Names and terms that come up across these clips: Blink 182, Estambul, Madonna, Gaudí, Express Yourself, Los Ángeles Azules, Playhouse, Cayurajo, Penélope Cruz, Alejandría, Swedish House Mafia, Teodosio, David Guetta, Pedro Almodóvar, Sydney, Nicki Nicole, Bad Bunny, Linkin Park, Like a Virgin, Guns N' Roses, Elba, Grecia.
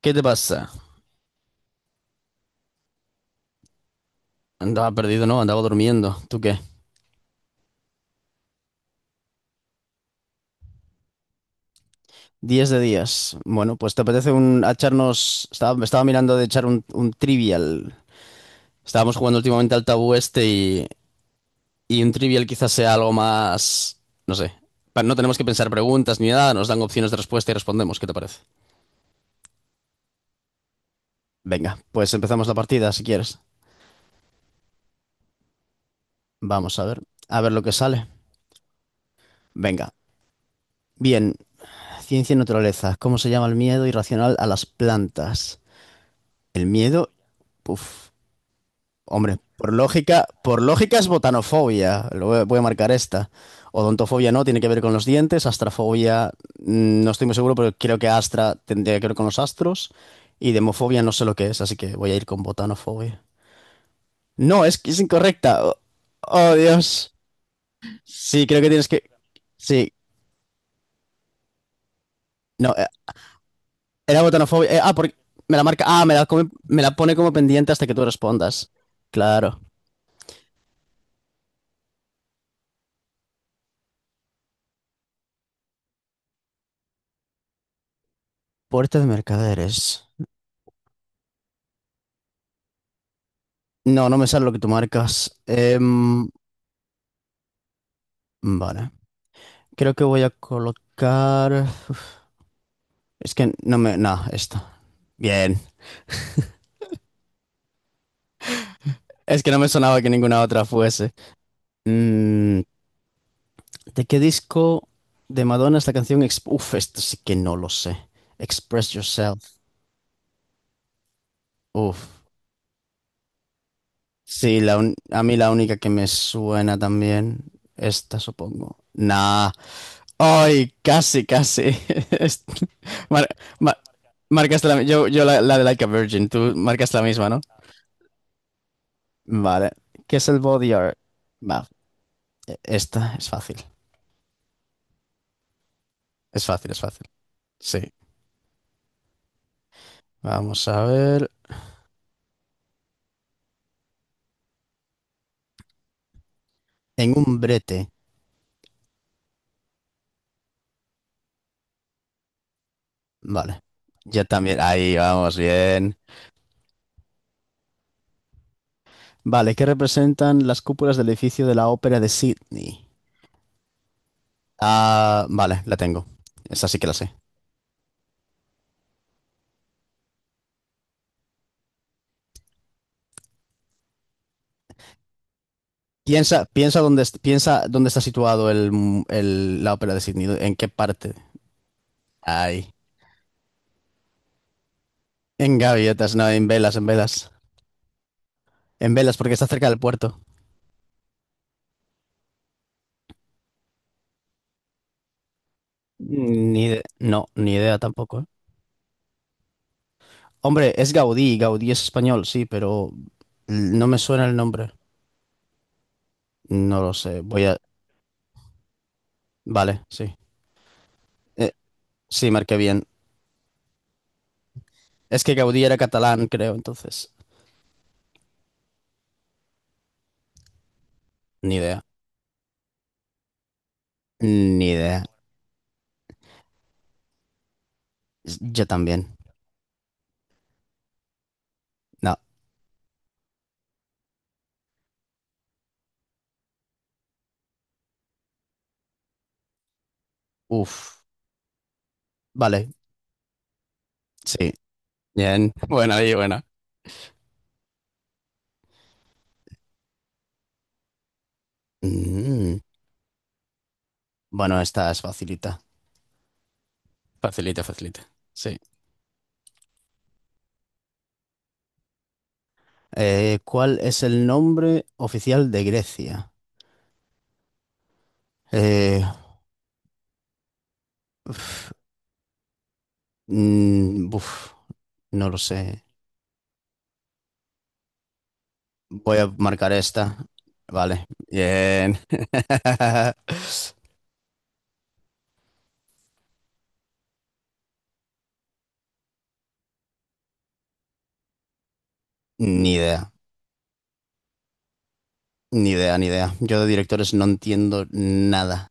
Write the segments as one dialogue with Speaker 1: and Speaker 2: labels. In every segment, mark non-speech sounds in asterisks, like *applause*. Speaker 1: ¿Qué te pasa? Andaba perdido, ¿no? Andaba durmiendo. ¿Tú qué? 10 de días. Bueno, pues te apetece un a echarnos. Me estaba mirando de echar un trivial. Estábamos jugando últimamente al tabú este y un trivial quizás sea algo más. No sé. No tenemos que pensar preguntas ni nada, nos dan opciones de respuesta y respondemos. ¿Qué te parece? Venga, pues empezamos la partida si quieres. Vamos a ver. A ver lo que sale. Venga. Bien. Ciencia y naturaleza. ¿Cómo se llama el miedo irracional a las plantas? El miedo. Uf. Hombre, por lógica es botanofobia. Lo voy a marcar esta. Odontofobia no, tiene que ver con los dientes. Astrafobia, no estoy muy seguro, pero creo que astra tendría que ver con los astros. Y demofobia no sé lo que es, así que voy a ir con botanofobia. No, es que es incorrecta. Oh, oh, Dios. Sí, creo que tienes que. Sí, no, era botanofobia. Porque me la marca. Ah, me la pone como pendiente hasta que tú respondas. Claro. Puerta de mercaderes. No, no me sale lo que tú marcas. Vale. Creo que voy a colocar. Uf, es que no me. No, esto. Bien. Es que no me sonaba que ninguna otra fuese. Mm, ¿De qué disco de Madonna es la canción? Esto sí que no lo sé. Express Yourself. Uf. Sí, a mí la única que me suena también. Esta, supongo. Nah. Ay, casi, casi. *laughs* Es- Mar- mar- marcaste la. Yo la de Like a Virgin. Tú marcaste la misma, ¿no? Vale. ¿Qué es el body art? Va, esta es fácil. Es fácil, es fácil. Sí. Vamos a ver. En un brete. Vale. Ya también. Ahí vamos, bien. Vale, ¿qué representan las cúpulas del edificio de la Ópera de Sydney? Ah, vale, la tengo. Esa sí que la sé. Piensa, piensa dónde está situado la Ópera de Sydney. ¿En qué parte? Ahí. En gaviotas, no, en velas, en velas. En velas, porque está cerca del puerto. Ni ide- no, ni idea tampoco, ¿eh? Hombre, es Gaudí, Gaudí es español, sí, pero no me suena el nombre. No lo sé, voy a. Vale, sí. Eh, sí, marqué bien. Es que Gaudí era catalán, creo, entonces. Ni idea. Ni idea. Yo también. No. Uf. Vale, sí. Bien. *laughs* Buena y buena. Mm. Bueno, esta es facilita. Facilita, facilita. Sí. ¿Cuál es el nombre oficial de Grecia? Eh, Mm, buf, no lo sé. Voy a marcar esta. Vale, bien. *laughs* Ni idea, ni idea, ni idea. Yo de directores no entiendo nada.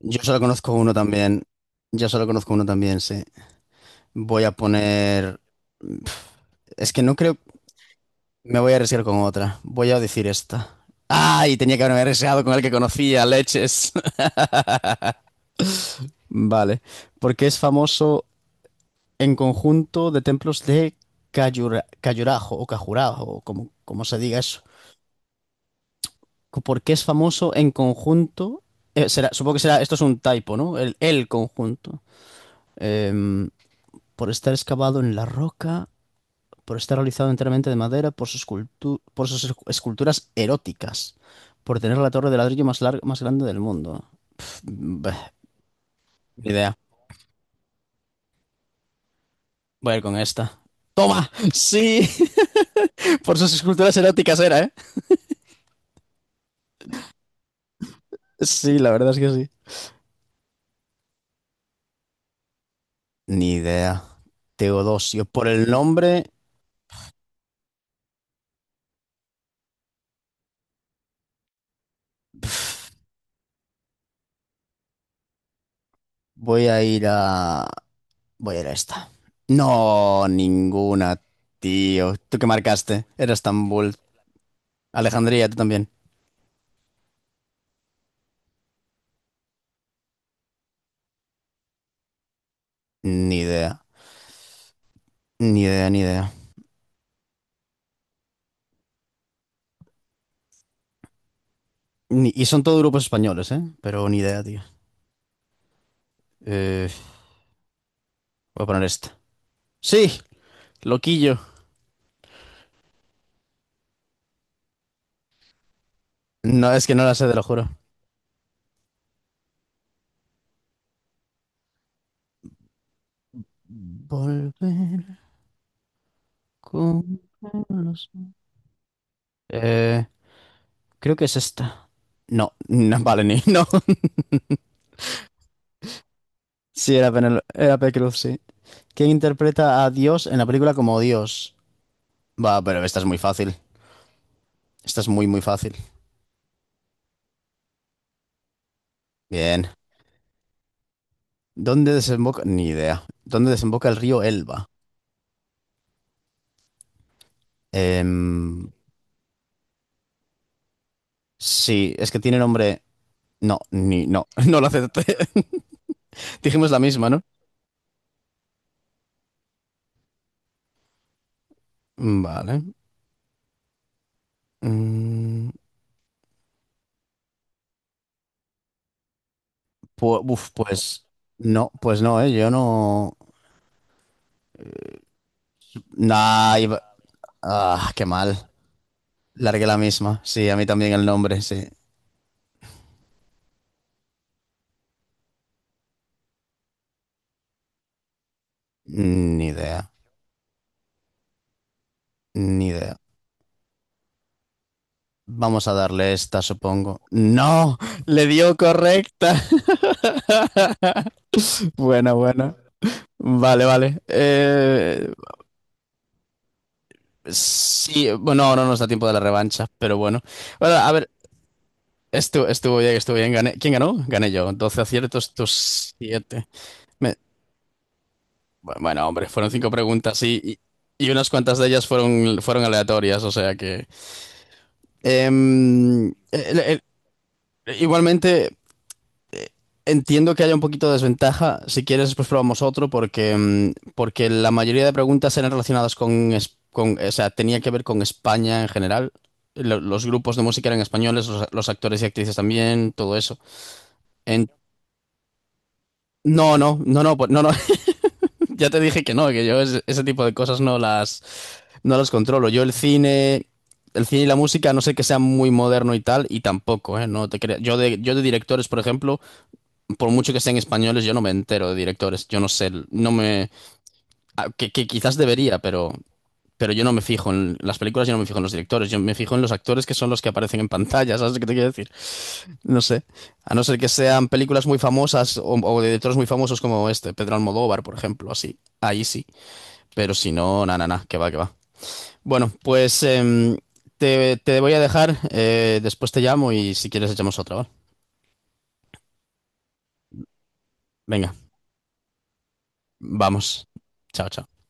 Speaker 1: Yo solo conozco uno también. Yo solo conozco uno también, sí. Voy a poner. Es que no creo. Me voy a arriesgar con otra. Voy a decir esta. ¡Ay! Tenía que haberme arriesgado con el que conocía, leches. *laughs* Vale. Porque es famoso en conjunto de templos de Cayurajo o Cajurajo, o como se diga eso. ¿Por qué es famoso en conjunto? Será, supongo que será, esto es un typo, ¿no? El conjunto. Em, por estar excavado en la roca, por estar realizado enteramente de madera, por sus esculturas eróticas, por tener la torre de ladrillo más larga, más grande del mundo. Pf, bah, ni idea. Voy a ir con esta. ¡Toma! ¡Sí! *laughs* Por sus esculturas eróticas era, ¿eh? Sí, la verdad es que sí. Ni idea. Teodosio. Por el nombre voy a ir a. Voy a ir a esta. No, ninguna, tío. ¿Tú qué marcaste? Era Estambul. Alejandría, tú también. Ni idea. Ni idea, ni idea. Y son todos grupos españoles, ¿eh? Pero ni idea, tío. Eh, voy a poner esta. Sí, loquillo. No, es que no la sé, te lo juro. Volver con los. Eh, creo que es esta. No, *laughs* no, vale, ni. No. Sí, era Penélope Cruz, sí. ¿Quién interpreta a Dios en la película como Dios? Va, pero esta es muy fácil. Esta es muy, muy fácil. Bien. ¿Dónde desemboca? Ni idea. ¿Dónde desemboca el río Elba? Em, sí, es que tiene nombre. No, ni. No, *laughs* no lo acepté. *laughs* Dijimos la misma, ¿no? Vale. Mm, pues. No, pues no, ¿eh? Yo no. Nah, ah, qué mal. Largué la misma. Sí, a mí también el nombre, sí. Ni idea. Ni idea. Vamos a darle esta, supongo. ¡No! ¡Le dio correcta! *laughs* Bueno, bueno. Vale, vale. Sí, bueno, ahora no nos da tiempo de la revancha, pero bueno. Bueno, a ver, estuvo bien, estuvo bien. Gané. ¿Quién ganó? Gané yo. 12 aciertos, tus 7. Bueno, hombre, fueron cinco preguntas y unas cuantas de ellas fueron aleatorias, o sea que. Em, el- el- igualmente... Entiendo que haya un poquito de desventaja. Si quieres, después probamos otro porque la mayoría de preguntas eran relacionadas o sea, tenía que ver con España en general. Los grupos de música eran españoles, los actores y actrices también, todo eso. En- no, no, no, no, pues, no, no. *laughs* Ya te dije que no, que yo ese tipo de cosas no las controlo. Yo el cine y la música, a no sé que sea muy moderno y tal, y tampoco, ¿eh? No te creas. Yo de directores, por ejemplo. Por mucho que sean españoles, yo no me entero de directores. Yo no sé, no me. Que quizás debería, pero yo no me fijo en las películas, yo no me fijo en los directores. Yo me fijo en los actores que son los que aparecen en pantalla, ¿sabes qué te quiero decir? No sé. A no ser que sean películas muy famosas o de directores muy famosos como este, Pedro Almodóvar, por ejemplo, así. Ahí sí. Pero si no, na, na, na, que va, que va. Bueno, pues te voy a dejar. Después te llamo y si quieres echamos otra, ¿vale? Venga, vamos. Chao, chao.